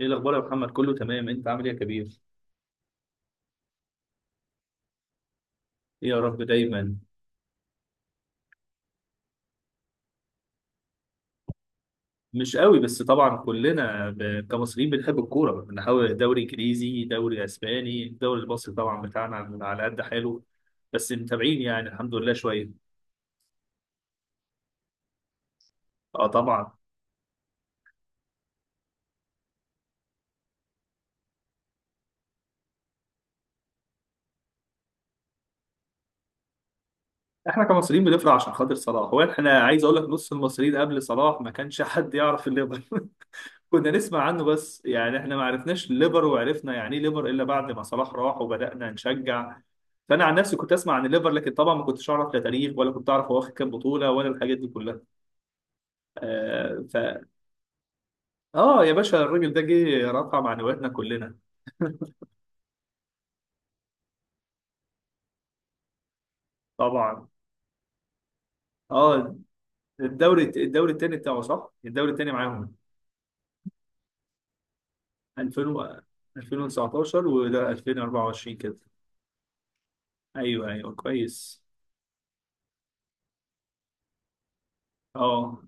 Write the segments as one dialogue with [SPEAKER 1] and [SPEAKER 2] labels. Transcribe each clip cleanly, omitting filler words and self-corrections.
[SPEAKER 1] ايه الاخبار يا محمد؟ كله تمام؟ انت عامل ايه يا كبير؟ ايه يا رب، دايما. مش قوي، بس طبعا كلنا كمصريين بنحب الكوره، بنحاول دوري انجليزي، دوري اسباني، الدوري المصري طبعا بتاعنا على قد حاله. بس متابعين يعني الحمد لله شويه. اه، طبعا. احنا كمصريين بنفرح عشان خاطر صلاح. هو احنا عايز اقول لك، نص المصريين قبل صلاح ما كانش حد يعرف الليفر. كنا نسمع عنه بس، يعني احنا ما عرفناش ليفر، وعرفنا يعني ايه ليفر الا بعد ما صلاح راح وبدأنا نشجع. فانا عن نفسي كنت اسمع عن الليفر، لكن طبعا ما كنتش اعرف لا تاريخ، ولا كنت اعرف هو واخد كام بطولة، ولا الحاجات دي كلها. آه ف اه، يا باشا، الراجل ده جه رفع معنوياتنا كلنا. طبعا. اه. الدوري الثاني بتاعه، صح. الدوري الثاني معاهم. 2000 2019، وده 2024 كده. ايوه، ايوه، كويس. اه.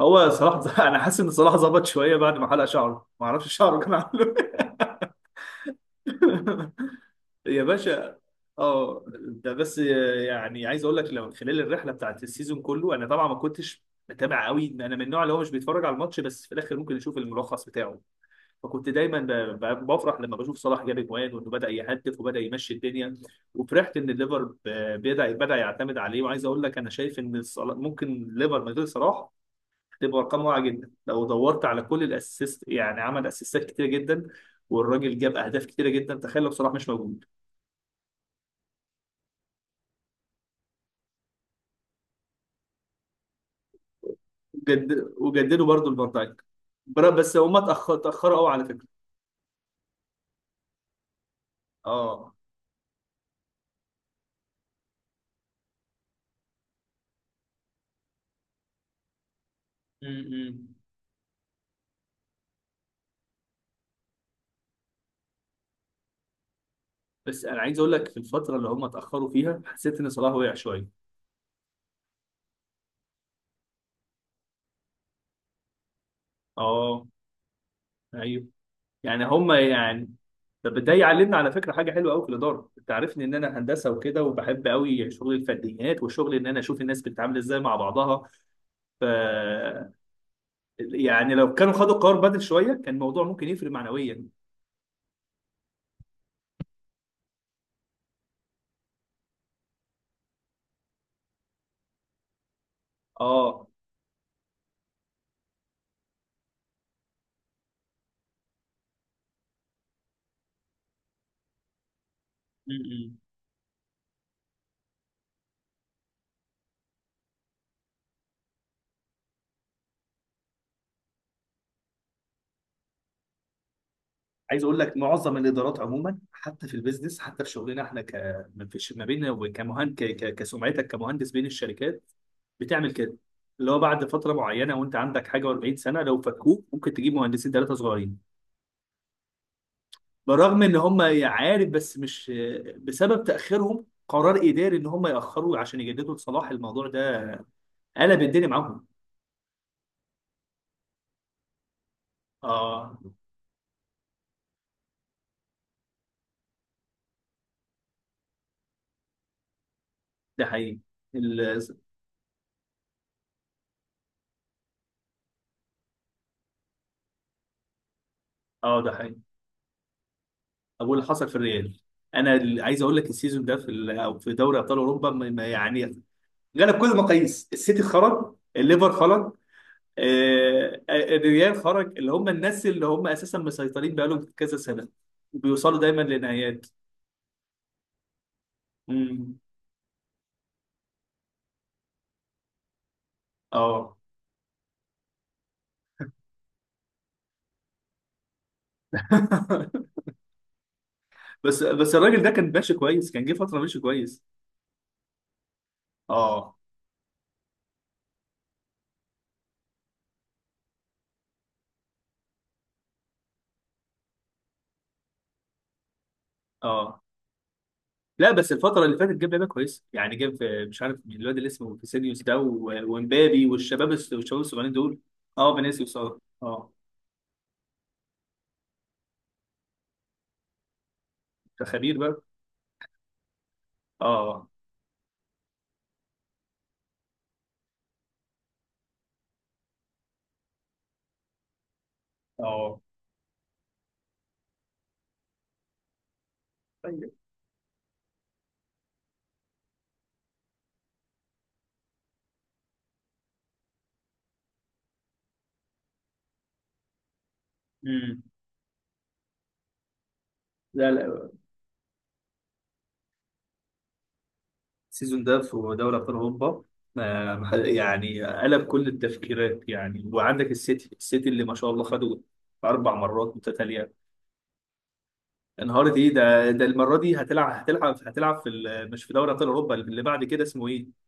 [SPEAKER 1] هو صلاح انا حاسس ان صلاح ظبط شويه بعد ما حلق شعره. ما اعرفش شعره كان عامله. إيه يا باشا. اه، ده بس. يعني عايز اقول لك، لو خلال الرحله بتاعت السيزون كله انا طبعا ما كنتش متابع قوي. انا من النوع اللي هو مش بيتفرج على الماتش، بس في الاخر ممكن يشوف الملخص بتاعه. فكنت دايما بفرح لما بشوف صلاح جاب اجوان، وانه بدا يهدف وبدا يمشي الدنيا. وفرحت ان الليفر بدا يعتمد عليه. وعايز اقول لك، انا شايف ان ممكن الليفر من غير صلاح تبقى ارقام واعيه جدا. لو دورت على كل الاسيست، يعني عمل اسيستات كتيره جدا، والراجل جاب اهداف كتيره جدا. تخيل لو صلاح مش موجود. وجد... وجددوا برضه لفان دايك. بس هما اتاخروا قوي على فكره. اه. امم بس انا عايز اقول لك، في الفتره اللي هما اتاخروا فيها حسيت ان صلاح وقع شويه. اه. ايوه، يعني هما يعني. طب ده يعلمنا على فكره حاجه حلوه قوي في الاداره. انت عارفني ان انا هندسه وكده، وبحب قوي شغل الفرديات، وشغل ان انا اشوف الناس بتتعامل ازاي مع بعضها. ف يعني لو كانوا خدوا قرار بدل شويه كان الموضوع ممكن يفرق معنويا. اه. م-م. عايز اقول لك، معظم الادارات عموما، حتى في البيزنس، حتى في شغلنا احنا ما بيننا وكمهن كسمعتك كمهندس بين الشركات بتعمل كده. اللي هو بعد فتره معينه وانت عندك حاجه و40 سنه، لو فكوك ممكن تجيب مهندسين ثلاثه صغيرين. بالرغم ان هم، عارف، بس مش بسبب تاخيرهم. قرار اداري ان هم ياخروا عشان يجددوا لصلاح الموضوع ده قلب الدنيا معاهم. اه، ده حقيقي. اه، ده حقيقي. اقول اللي حصل في الريال. انا اللي عايز اقول لك، السيزون ده أو في دوري ابطال اوروبا ما يعني غلب كل المقاييس. السيتي خرج، الليفر خرج، الريال خرج. اللي هم الناس اللي هم اساسا مسيطرين بقالهم كذا سنه وبيوصلوا دايما لنهايات. امم اه. بس الراجل ده كان ماشي كويس، كان جه فتره ماشي كويس. اه، اه. لا بس الفترة اللي فاتت جاب لعيبة كويسة. يعني جاب، مش عارف مين الواد اللي اسمه فيسينيوس ده ومبابي والشباب الصغيرين دول. اه فينيسيوس، اه، اه. ده خبير بقى. اه، اه. طيب. امم لا، لا. السيزون ده في دوري ابطال اوروبا يعني قلب كل التفكيرات. يعني وعندك السيتي اللي ما شاء الله خدوا اربع مرات متتاليه. انهارت. ايه ده المره دي هتلعب مش في دوري ابطال اوروبا. اللي بعد كده اسمه ايه؟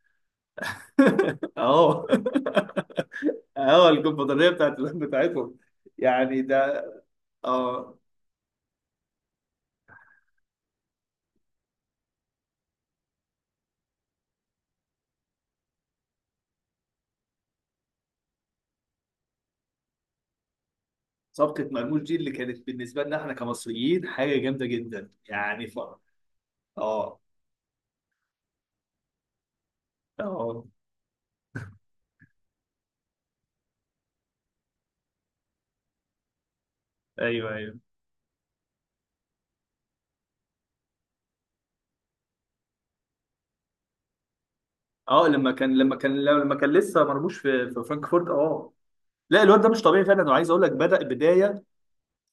[SPEAKER 1] اه. اه، الكونفدراليه بتاعتهم. يعني ده. اه. صفقه مرموش دي اللي كانت بالنسبه لنا احنا كمصريين حاجه جامده جدا. يعني اه، اه. ايوه، ايوه. اه، لما كان، لما كان لسه مرموش في فرانكفورت، اه. لا الواد ده مش طبيعي فعلا. انا عايز اقول لك، بدا بدايه،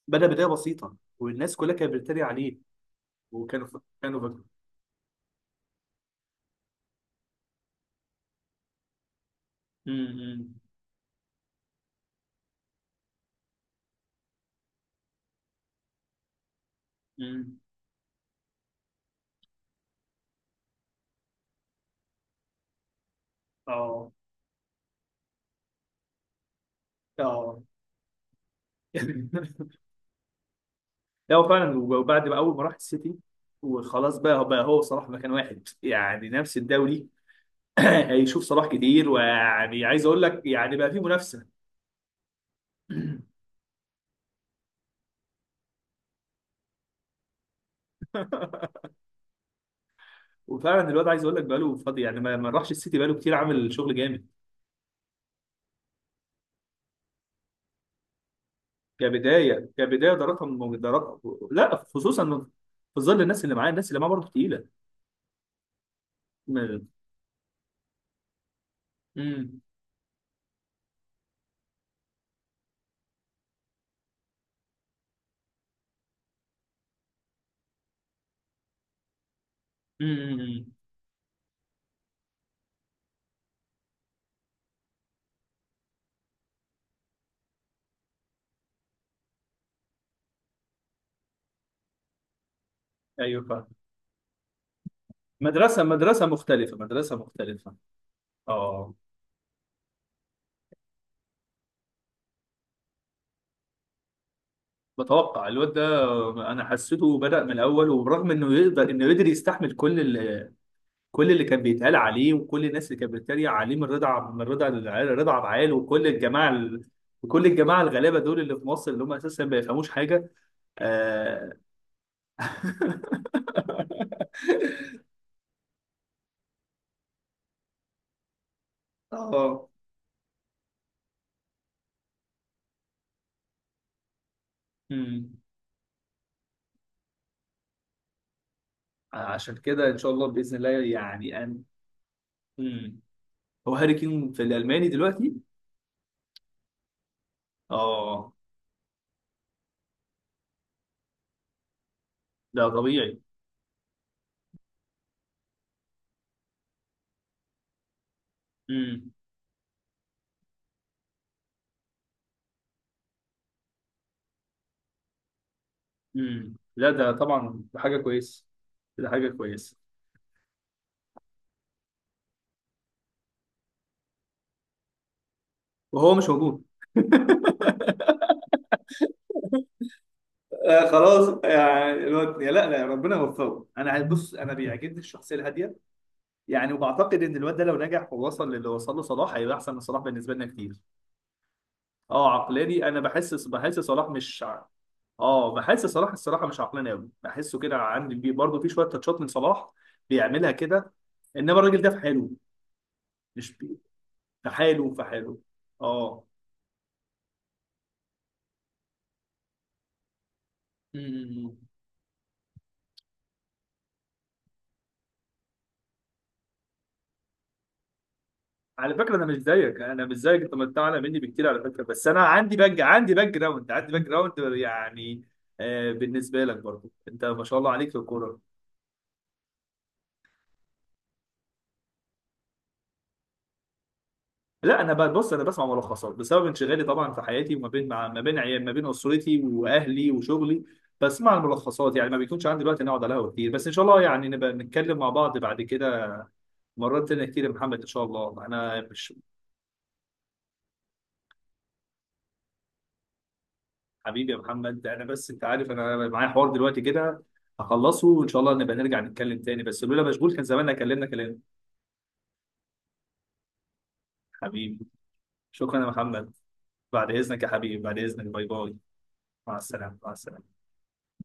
[SPEAKER 1] بدا بدايه بسيطه، والناس كلها كانت بتتريق عليه. وكانوا، كانوا امم امم اه، اه. لا هو فعلا. وبعد ما، اول ما راح السيتي، وخلاص بقى هو صلاح مكان واحد يعني نفس الدوري. هيشوف صلاح كتير. ويعني عايز اقول لك يعني، بقى في منافسه. وفعلا الواد، عايز اقول لك بقى له فاضي، يعني ما راحش السيتي. بقى له كتير عامل شغل جامد. كبدايه ده رقم. لا، خصوصا في ظل الناس اللي معاه برضه تقيله. امم امم أمم. ايوه فاهم. مدرسه مختلفه، مدرسه مختلفه. اه. بتوقع الواد ده انا حسيته بدأ من الاول. وبرغم انه يقدر يستحمل كل كل اللي كان بيتقال عليه، وكل الناس اللي كانت بتتريق عليه، رضا عبد العال، وكل الجماعه الغلابه دول اللي في مصر، اللي هم اساسا ما بيفهموش حاجه. اه. آه. أمم. عشان كده ان شاء الله باذن الله، يعني ان، أمم. هو هاري كين في الالماني دلوقتي؟ اه. ده طبيعي. لا ده طبعا، ده حاجة كويسة. ده حاجة كويسة. وهو مش موجود. خلاص، يعني الواد، يا لا لا، ربنا يوفقه. انا، بص، انا بيعجبني الشخصيه الهاديه. يعني وبعتقد ان الواد ده لو نجح ووصل للي وصل له صلاح، هيبقى احسن من صلاح بالنسبه لنا كتير. اه، عقلاني. انا بحس صلاح مش اه، بحس صلاح الصراحه مش عقلاني قوي. بحسه كده عندي. بي برضه في شويه تاتشات من صلاح بيعملها كده. انما الراجل ده في حاله. مش بي- في حاله، في حاله. اه. مم. على فكره انا مش زيك. اعلى مني بكتير على فكره. بس انا عندي باك جراوند، عندي باك جراوند يعني. بالنسبه لك برضو انت ما شاء الله عليك في الكوره. لا انا بقى، بص، انا بسمع ملخصات بسبب انشغالي طبعا في حياتي، وما بين ما بين عيال، ما بين اسرتي واهلي وشغلي. بسمع الملخصات. يعني ما بيكونش عندي وقت اني اقعد على القهوه كتير. بس ان شاء الله يعني نبقى نتكلم مع بعض بعد كده مرات تانية كتير يا محمد، ان شاء الله. انا مش، حبيبي يا محمد، انا بس انت عارف انا معايا حوار دلوقتي كده هخلصه، وان شاء الله نبقى نرجع نتكلم تاني. بس لولا مشغول كان زماننا كلمنا كلام. حبيبي، شكرا يا محمد. بعد اذنك يا حبيبي، بعد اذنك، باي باي. مع السلامه، مع السلامه.